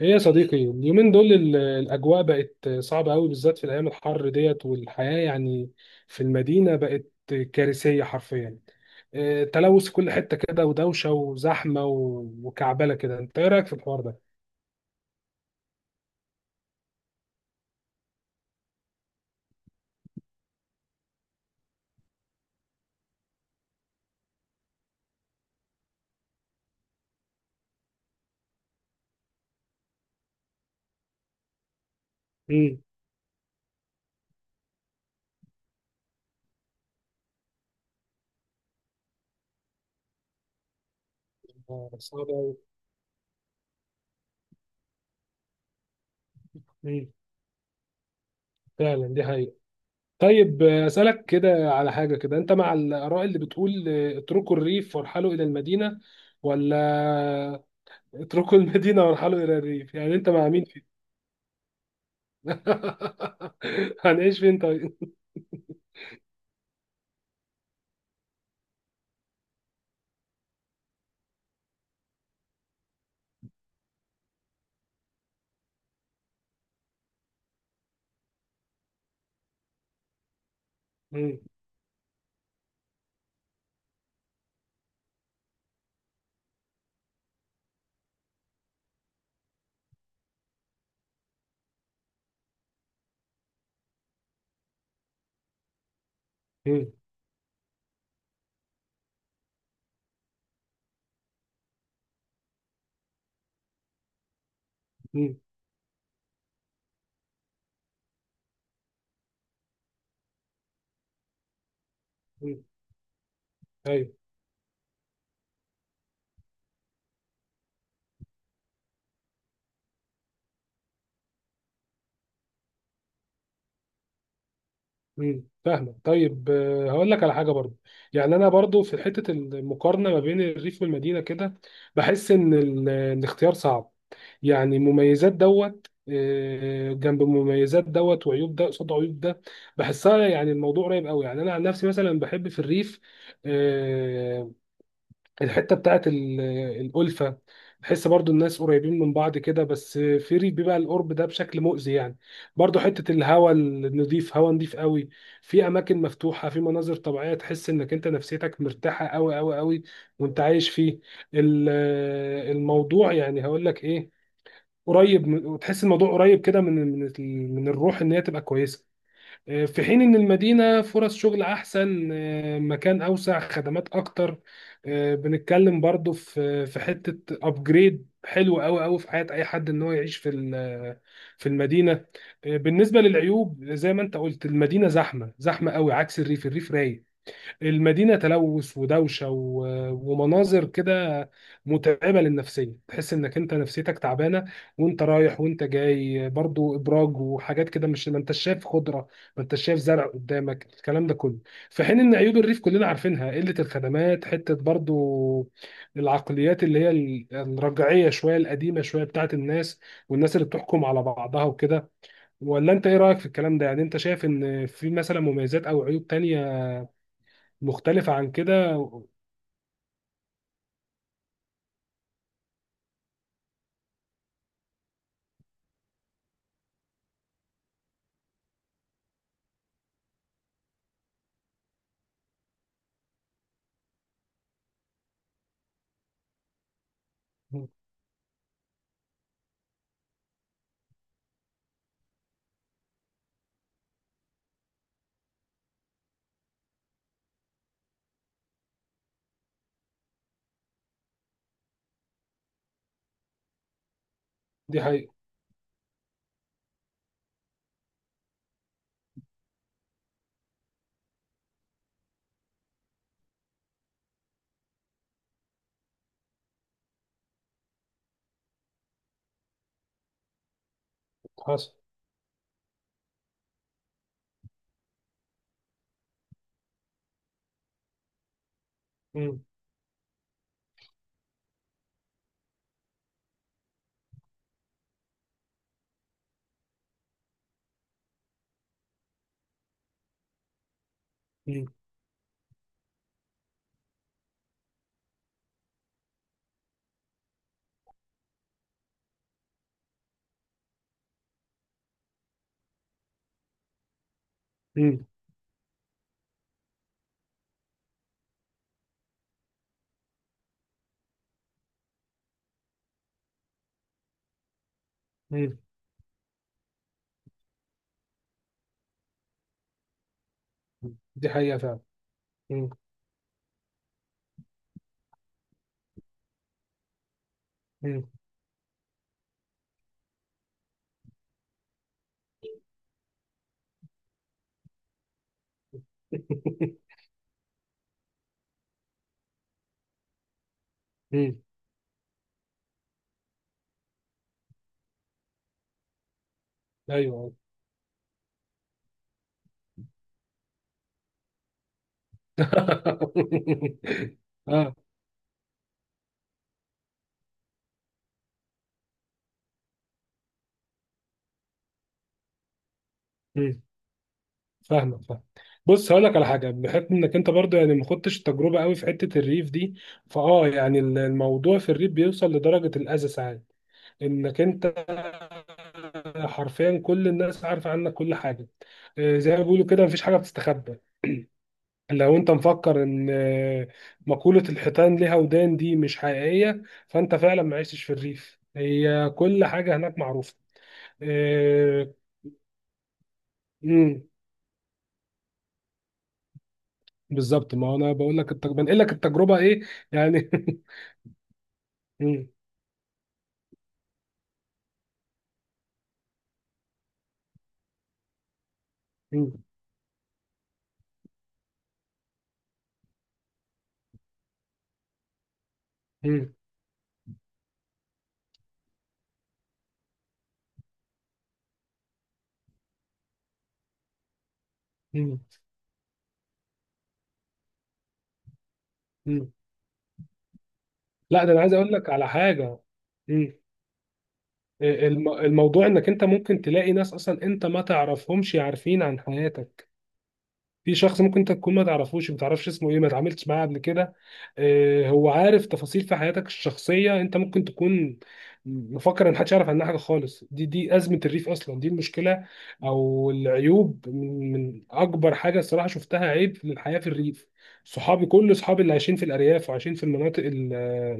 ايه يا صديقي، اليومين دول الاجواء بقت صعبه قوي، بالذات في الايام الحر ديت، والحياه يعني في المدينه بقت كارثيه حرفيا. إيه، تلوث في كل حته كده، ودوشه، وزحمه، وكعبله كده. انت ايه رايك في الحوار ده؟ امم. صعب قوي. امم. فعلا دي حقيقه. طيب، اسالك كده على حاجه كده. انت مع الاراء اللي بتقول اتركوا الريف وارحلوا الى المدينه، ولا اتركوا المدينه وارحلوا الى الريف؟ يعني انت مع مين؟ هنعيش فين طيب؟ مم. مم. مم. مم. ايوه. مم. فاهمك. طيب، هقول لك على حاجه برضو. يعني انا برضو في حته المقارنه ما بين الريف والمدينه كده، بحس ان الاختيار صعب. يعني مميزات دوت جنب مميزات دوت، وعيوب ده قصاد عيوب ده. بحسها، يعني الموضوع قريب قوي. يعني انا عن نفسي مثلا بحب في الريف. آه، الحته بتاعت الالفه. بحس برضو الناس قريبين من بعض كده، بس في ريف بيبقى القرب ده بشكل مؤذي يعني. برضو حته الهواء النظيف، هواء نظيف قوي، في اماكن مفتوحه، في مناظر طبيعيه، تحس انك انت نفسيتك مرتاحه قوي قوي قوي وانت عايش فيه. ال- الموضوع يعني هقول لك ايه، قريب وتحس الموضوع قريب كده من من الروح ان هي تبقى كويسه. في حين إن المدينة فرص شغل أحسن، مكان أوسع، خدمات أكتر. بنتكلم برضو في حتة أبجريد حلو أوي أوي في حياة أي حد إن هو يعيش في في المدينة. بالنسبة للعيوب، زي ما أنت قلت، المدينة زحمة زحمة أوي، عكس الريف. الريف رايق. المدينة تلوث ودوشة ومناظر كده متعبة للنفسية، تحس انك انت نفسيتك تعبانة وانت رايح وانت جاي. برضو ابراج وحاجات كده، مش ما انت شايف خضرة، ما انت شايف زرع قدامك، الكلام ده كله. في حين ان عيوب الريف كلنا عارفينها: قلة الخدمات، حتة برضو العقليات اللي هي الرجعية شوية، القديمة شوية، بتاعت الناس، والناس اللي بتحكم على بعضها وكده. ولا انت ايه رأيك في الكلام ده؟ يعني انت شايف ان في مثلا مميزات او عيوب تانية مختلفة عن كده؟ دي حقيقة. حصل. مم. مم. مم. مم. دي حقيقة فعلا. مم. مم. مم. أيوه. آه. مم. فاهمك، فاهم. بص، هقول لك على حاجة بحكم إنك أنت برضو يعني ما خدتش تجربة قوي في حتة الريف دي. يعني الموضوع في الريف بيوصل لدرجة الأذى ساعات، إنك أنت حرفيا كل الناس عارفة عنك كل حاجة. زي ما بيقولوا كده، مفيش حاجة بتستخبى. لو انت مفكر ان مقولة الحيتان ليها ودان دي مش حقيقية، فانت فعلا ما عشتش في الريف. هي كل حاجة هناك معروفة. آه. امم. بالظبط، ما انا بقول لك بنقل لك التجربة ايه يعني. مم. مم. مم. مم. مم. لا، ده انا عايز اقول لك على حاجة. مم. الموضوع انك انت ممكن تلاقي ناس اصلا انت ما تعرفهمش عارفين عن حياتك. في شخص ممكن انت تكون ما تعرفش اسمه ايه، ما اتعاملتش معاه قبل كده. هو عارف تفاصيل في حياتك الشخصيه، انت ممكن تكون مفكر ان محدش يعرف عنها حاجه خالص. دي ازمه الريف اصلا، دي المشكله. او العيوب، من اكبر حاجه الصراحه شفتها عيب في الحياه في الريف. كل اصحابي اللي عايشين في الارياف، وعايشين في المناطق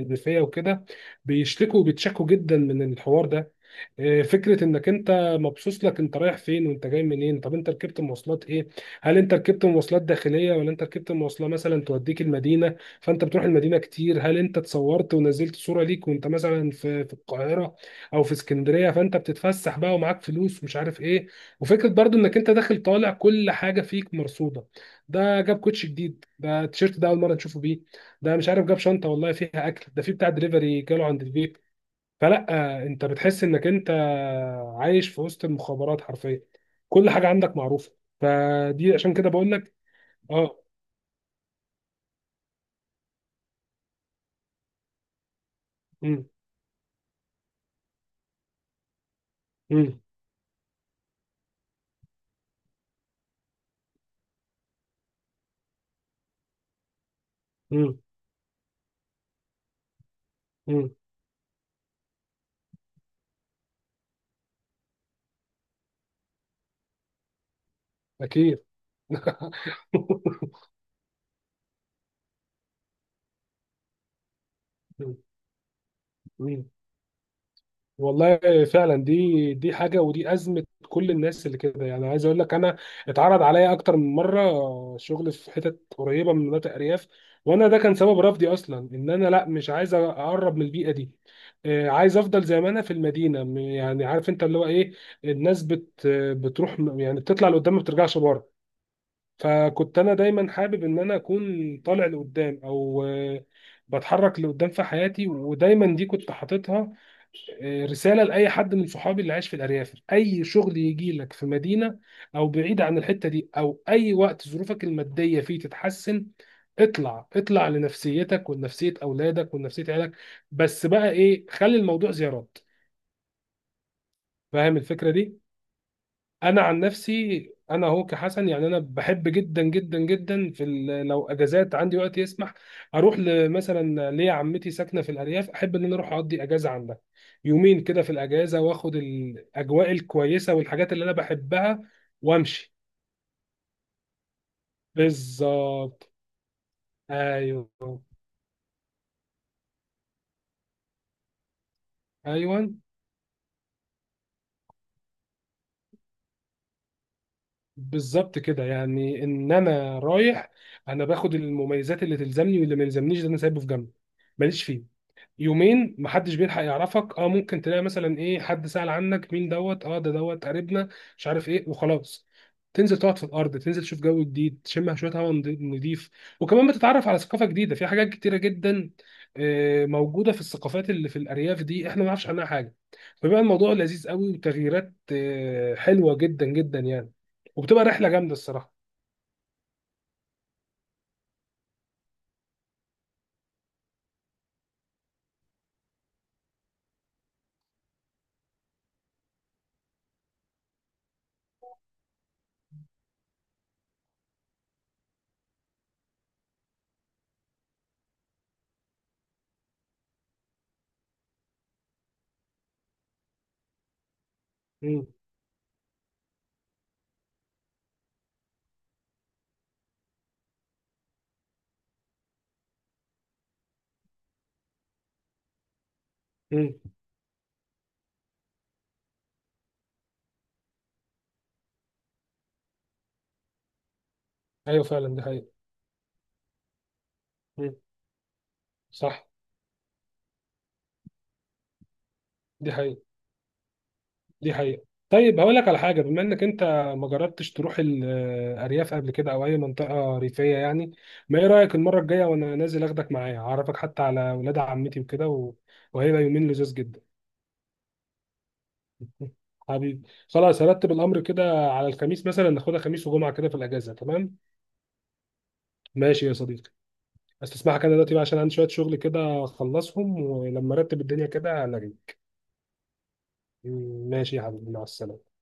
الريفيه وكده، بيشتكوا وبيتشكوا جدا من الحوار ده. فكره انك انت مبسوط لك انت رايح فين وانت جاي منين. طب انت ركبت مواصلات ايه؟ هل انت ركبت مواصلات داخليه، ولا انت ركبت مواصله مثلا توديك المدينه؟ فانت بتروح المدينه كتير. هل انت اتصورت ونزلت صوره ليك وانت مثلا في القاهره او في اسكندريه؟ فانت بتتفسح بقى، ومعاك فلوس ومش عارف ايه. وفكره برضو انك انت داخل طالع، كل حاجه فيك مرصوده. ده جاب كوتش جديد، ده التيشيرت ده اول مره نشوفه بيه، ده مش عارف جاب شنطه والله فيها اكل، ده في بتاع دليفري جاله عند البيت. فلا، انت بتحس انك انت عايش في وسط المخابرات حرفيا. كل حاجه عندك معروفه. فدي عشان كده بقول لك. اه. امم. امم. امم. امم. اكيد. مم. والله. فعلا، دي حاجه، ودي ازمه كل الناس اللي كده. يعني عايز اقول لك انا اتعرض عليا اكتر من مره شغل في حتت قريبه من مناطق ارياف، وانا ده كان سبب رفضي اصلا، ان انا لا، مش عايز اقرب من البيئه دي. عايز افضل زي ما انا في المدينه، يعني عارف انت اللي هو ايه. الناس بتروح، يعني بتطلع لقدام، ما بترجعش بره. فكنت انا دايما حابب ان انا اكون طالع لقدام، او بتحرك لقدام في حياتي. ودايما دي كنت حاططها رساله لاي حد من صحابي اللي عايش في الارياف: اي شغل يجي لك في مدينه، او بعيد عن الحته دي، او اي وقت ظروفك الماديه فيه تتحسن، اطلع، اطلع لنفسيتك ولنفسيه اولادك ولنفسيه عيالك. بس بقى ايه، خلي الموضوع زيارات. فاهم الفكره دي؟ انا عن نفسي، انا هو كحسن يعني، انا بحب جدا جدا جدا في لو اجازات عندي وقت يسمح، اروح مثلا ليا عمتي ساكنه في الارياف، احب ان انا اروح اقضي اجازه عندها يومين كده في الاجازه، واخد الاجواء الكويسه والحاجات اللي انا بحبها وامشي. بالظبط. ايوه. ايوه، بالظبط كده. يعني ان انا رايح، انا باخد المميزات اللي تلزمني، واللي ما يلزمنيش ده انا سايبه في جنب، ماليش فيه. يومين محدش بيلحق يعرفك، اه، ممكن تلاقي مثلا ايه، حد سأل عنك مين دوت، اه ده دوت قريبنا، مش عارف ايه، وخلاص. تنزل تقعد في الارض، تنزل تشوف جو جديد، تشم شويه هواء نضيف. وكمان بتتعرف على ثقافه جديده، في حاجات كتيره جدا موجوده في الثقافات اللي في الارياف دي، احنا ما نعرفش عنها حاجه. فبيبقى الموضوع لذيذ قوي، وتغييرات حلوه جدا جدا يعني، وبتبقى رحله جامده الصراحه. امم. امم. ايوه، فعلا دي حقيقه. امم. صح. دي حقيقه. دي حقيقة. طيب، هقول لك على حاجة. بما انك انت ما جربتش تروح الارياف قبل كده او اي منطقة ريفية يعني، ما ايه رأيك المرة الجاية وانا نازل اخدك معايا، اعرفك حتى على ولاد عمتي وكده وهيبقى يومين لذيذ جدا. حبيبي، خلاص، هرتب الامر كده على الخميس مثلا، ناخدها خميس وجمعة كده في الاجازة، تمام. ماشي يا صديقي. استسمحك انا دلوقتي بقى، عشان عندي شوية شغل كده اخلصهم، ولما ارتب الدنيا كده هلاقيك. ماشي يا حبيبي، مع السلامة.